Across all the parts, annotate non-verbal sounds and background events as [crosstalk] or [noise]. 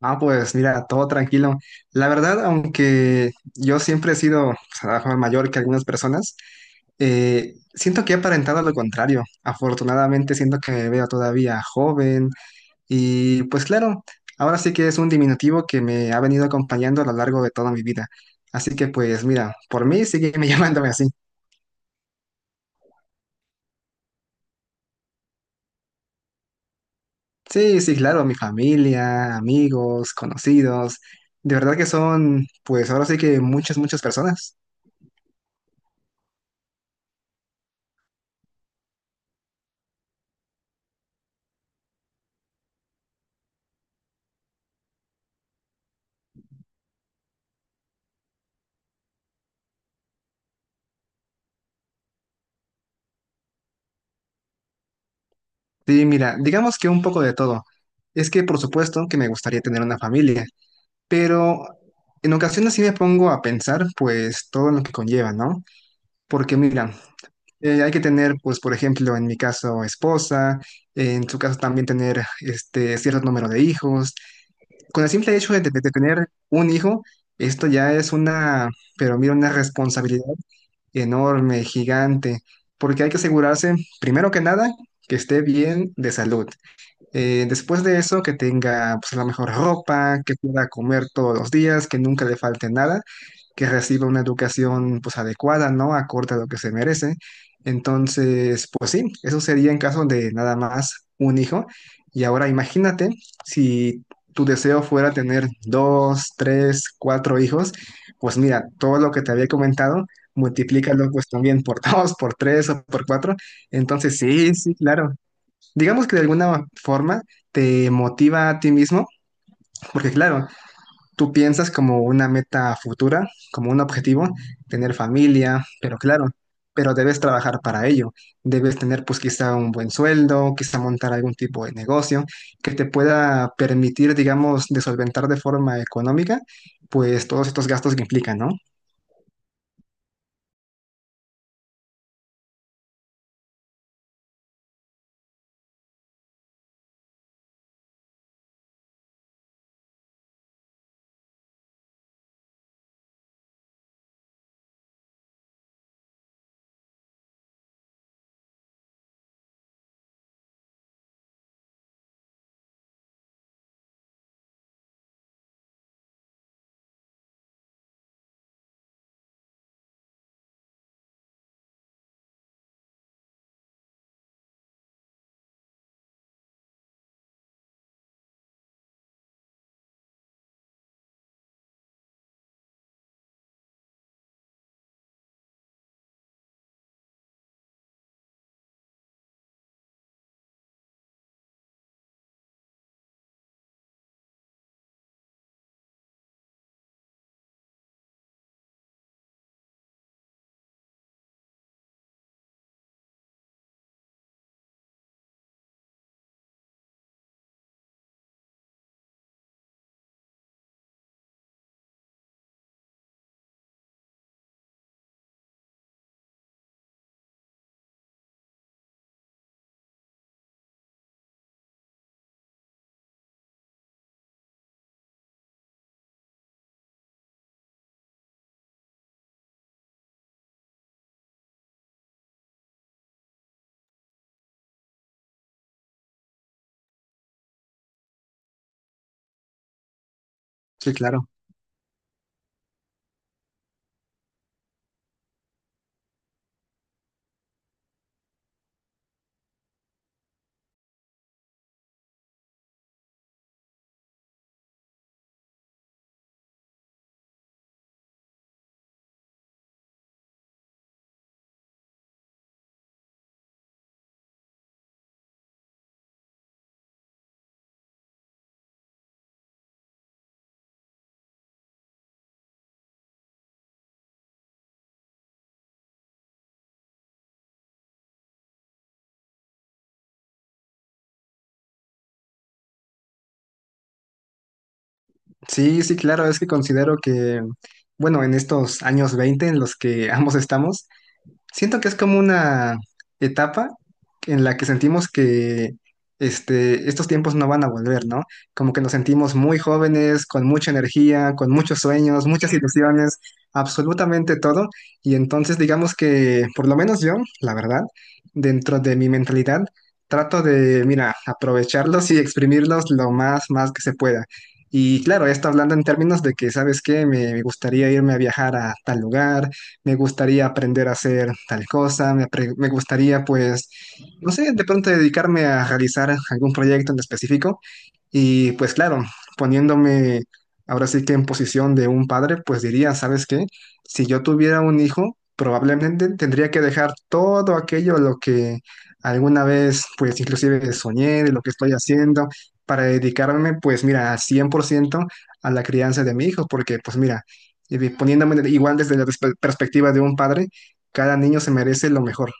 Ah, pues mira, todo tranquilo. La verdad, aunque yo siempre he sido pues, a lo mejor mayor que algunas personas, siento que he aparentado lo contrario. Afortunadamente, siento que me veo todavía joven y pues claro, ahora sí que es un diminutivo que me ha venido acompañando a lo largo de toda mi vida. Así que pues mira, por mí sigue [laughs] llamándome así. Sí, sí, claro, mi familia, amigos, conocidos, de verdad que son pues ahora sí que muchas, muchas personas. Sí, mira, digamos que un poco de todo. Es que por supuesto que me gustaría tener una familia, pero en ocasiones sí me pongo a pensar pues todo lo que conlleva, ¿no? Porque mira, hay que tener pues por ejemplo en mi caso esposa, en su caso también tener este cierto número de hijos. Con el simple hecho de tener un hijo, esto ya es una, pero mira, una responsabilidad enorme, gigante, porque hay que asegurarse, primero que nada, que esté bien de salud. Después de eso, que tenga pues, la mejor ropa, que pueda comer todos los días, que nunca le falte nada, que reciba una educación pues adecuada, ¿no? Acorde a lo que se merece. Entonces, pues sí, eso sería en caso de nada más un hijo. Y ahora imagínate si tu deseo fuera tener dos, tres, cuatro hijos, pues mira, todo lo que te había comentado, multiplícalo pues también por [laughs] dos, por tres o por cuatro. Entonces, sí, sí, claro, digamos que de alguna forma te motiva a ti mismo, porque claro, tú piensas como una meta futura, como un objetivo, tener familia, pero claro, pero debes trabajar para ello, debes tener pues quizá un buen sueldo, quizá montar algún tipo de negocio que te pueda permitir, digamos, de solventar de forma económica, pues todos estos gastos que implican, ¿no? Sí, claro. Sí, sí, claro, es que considero que, bueno, en estos años 20 en los que [laughs] ambos estamos, siento que es como una etapa en la que sentimos que estos tiempos no van a volver, ¿no? Como que nos sentimos muy jóvenes, con mucha energía, con muchos sueños, muchas ilusiones, absolutamente todo. Y entonces digamos que, por lo menos yo, la verdad, dentro de mi mentalidad, trato de, mira, aprovecharlos y exprimirlos lo más, más que se pueda. Y claro, esto hablando en términos de que, ¿sabes qué? Me gustaría irme a viajar a tal lugar, me gustaría aprender a hacer tal cosa, me gustaría pues, no sé, de pronto dedicarme a realizar algún proyecto en específico y pues claro, poniéndome ahora sí que en posición de un padre, pues diría, ¿sabes qué? Si yo tuviera un hijo, probablemente tendría que dejar todo aquello a lo que alguna vez pues inclusive soñé de lo que estoy haciendo para dedicarme pues mira al 100% a la crianza de mi hijo, porque pues mira, poniéndome igual desde la perspectiva de un padre, cada niño se merece lo mejor.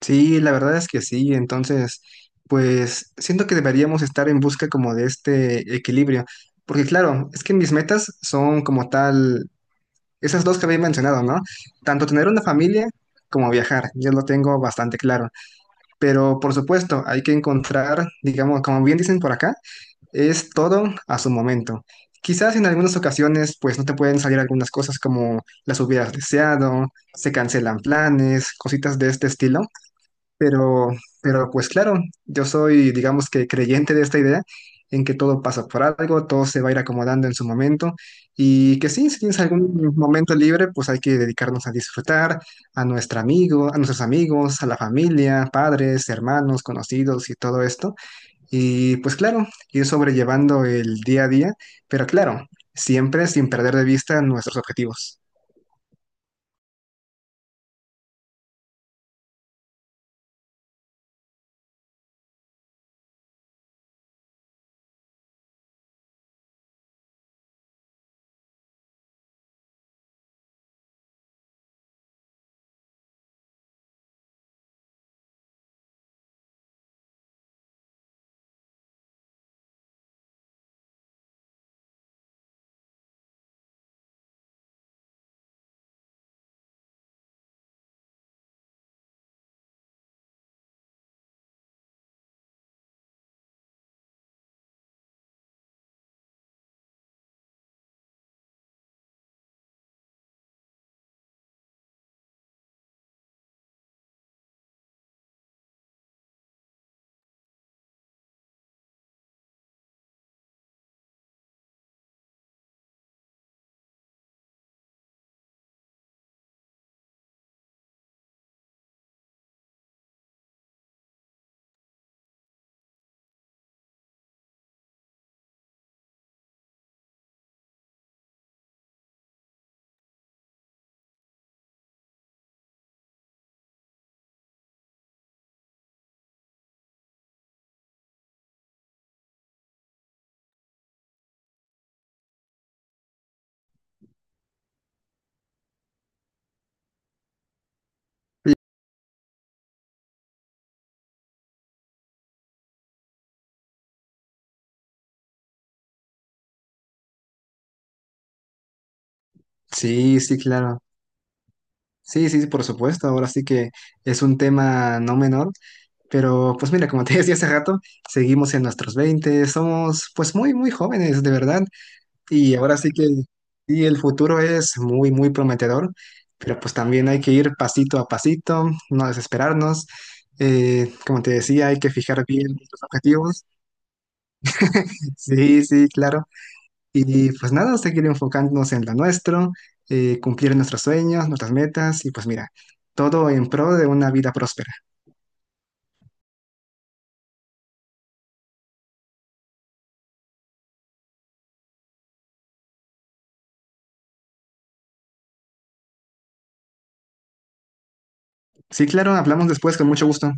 Sí, la verdad es que sí. Entonces, pues siento que deberíamos estar en busca como de este equilibrio. Porque claro, es que mis metas son como tal, esas dos que había mencionado, ¿no? Tanto tener una familia como viajar. Yo lo tengo bastante claro. Pero por supuesto, hay que encontrar, digamos, como bien dicen por acá, es todo a su momento. Quizás en algunas ocasiones pues no te pueden salir algunas cosas como las hubieras deseado, se cancelan planes, cositas de este estilo, pero pero pues claro, yo soy digamos que creyente de esta idea en que todo pasa por algo, todo se va a ir acomodando en su momento y que sí, si tienes algún momento libre, pues hay que dedicarnos a disfrutar a nuestro amigo, a nuestros amigos, a la familia, padres, hermanos, conocidos y todo esto. Y pues claro, ir sobrellevando el día a día, pero claro, siempre sin perder de vista nuestros objetivos. Sí, sí, claro. Sí, sí, sí, por supuesto. Ahora sí que es un tema no menor. Pero pues mira, como te [laughs] decía hace rato, seguimos en nuestros veinte, somos pues muy, muy jóvenes, de verdad. Y ahora sí que sí, el futuro es muy, muy prometedor, pero pues también hay que ir pasito a pasito, no desesperarnos. Como te decía, hay que fijar bien nuestros objetivos. Sí, sí, claro. Y pues nada, seguir enfocándonos en lo nuestro, cumplir nuestros sueños, nuestras metas y pues mira, todo en pro de una vida próspera. Sí, claro, hablamos después con mucho gusto.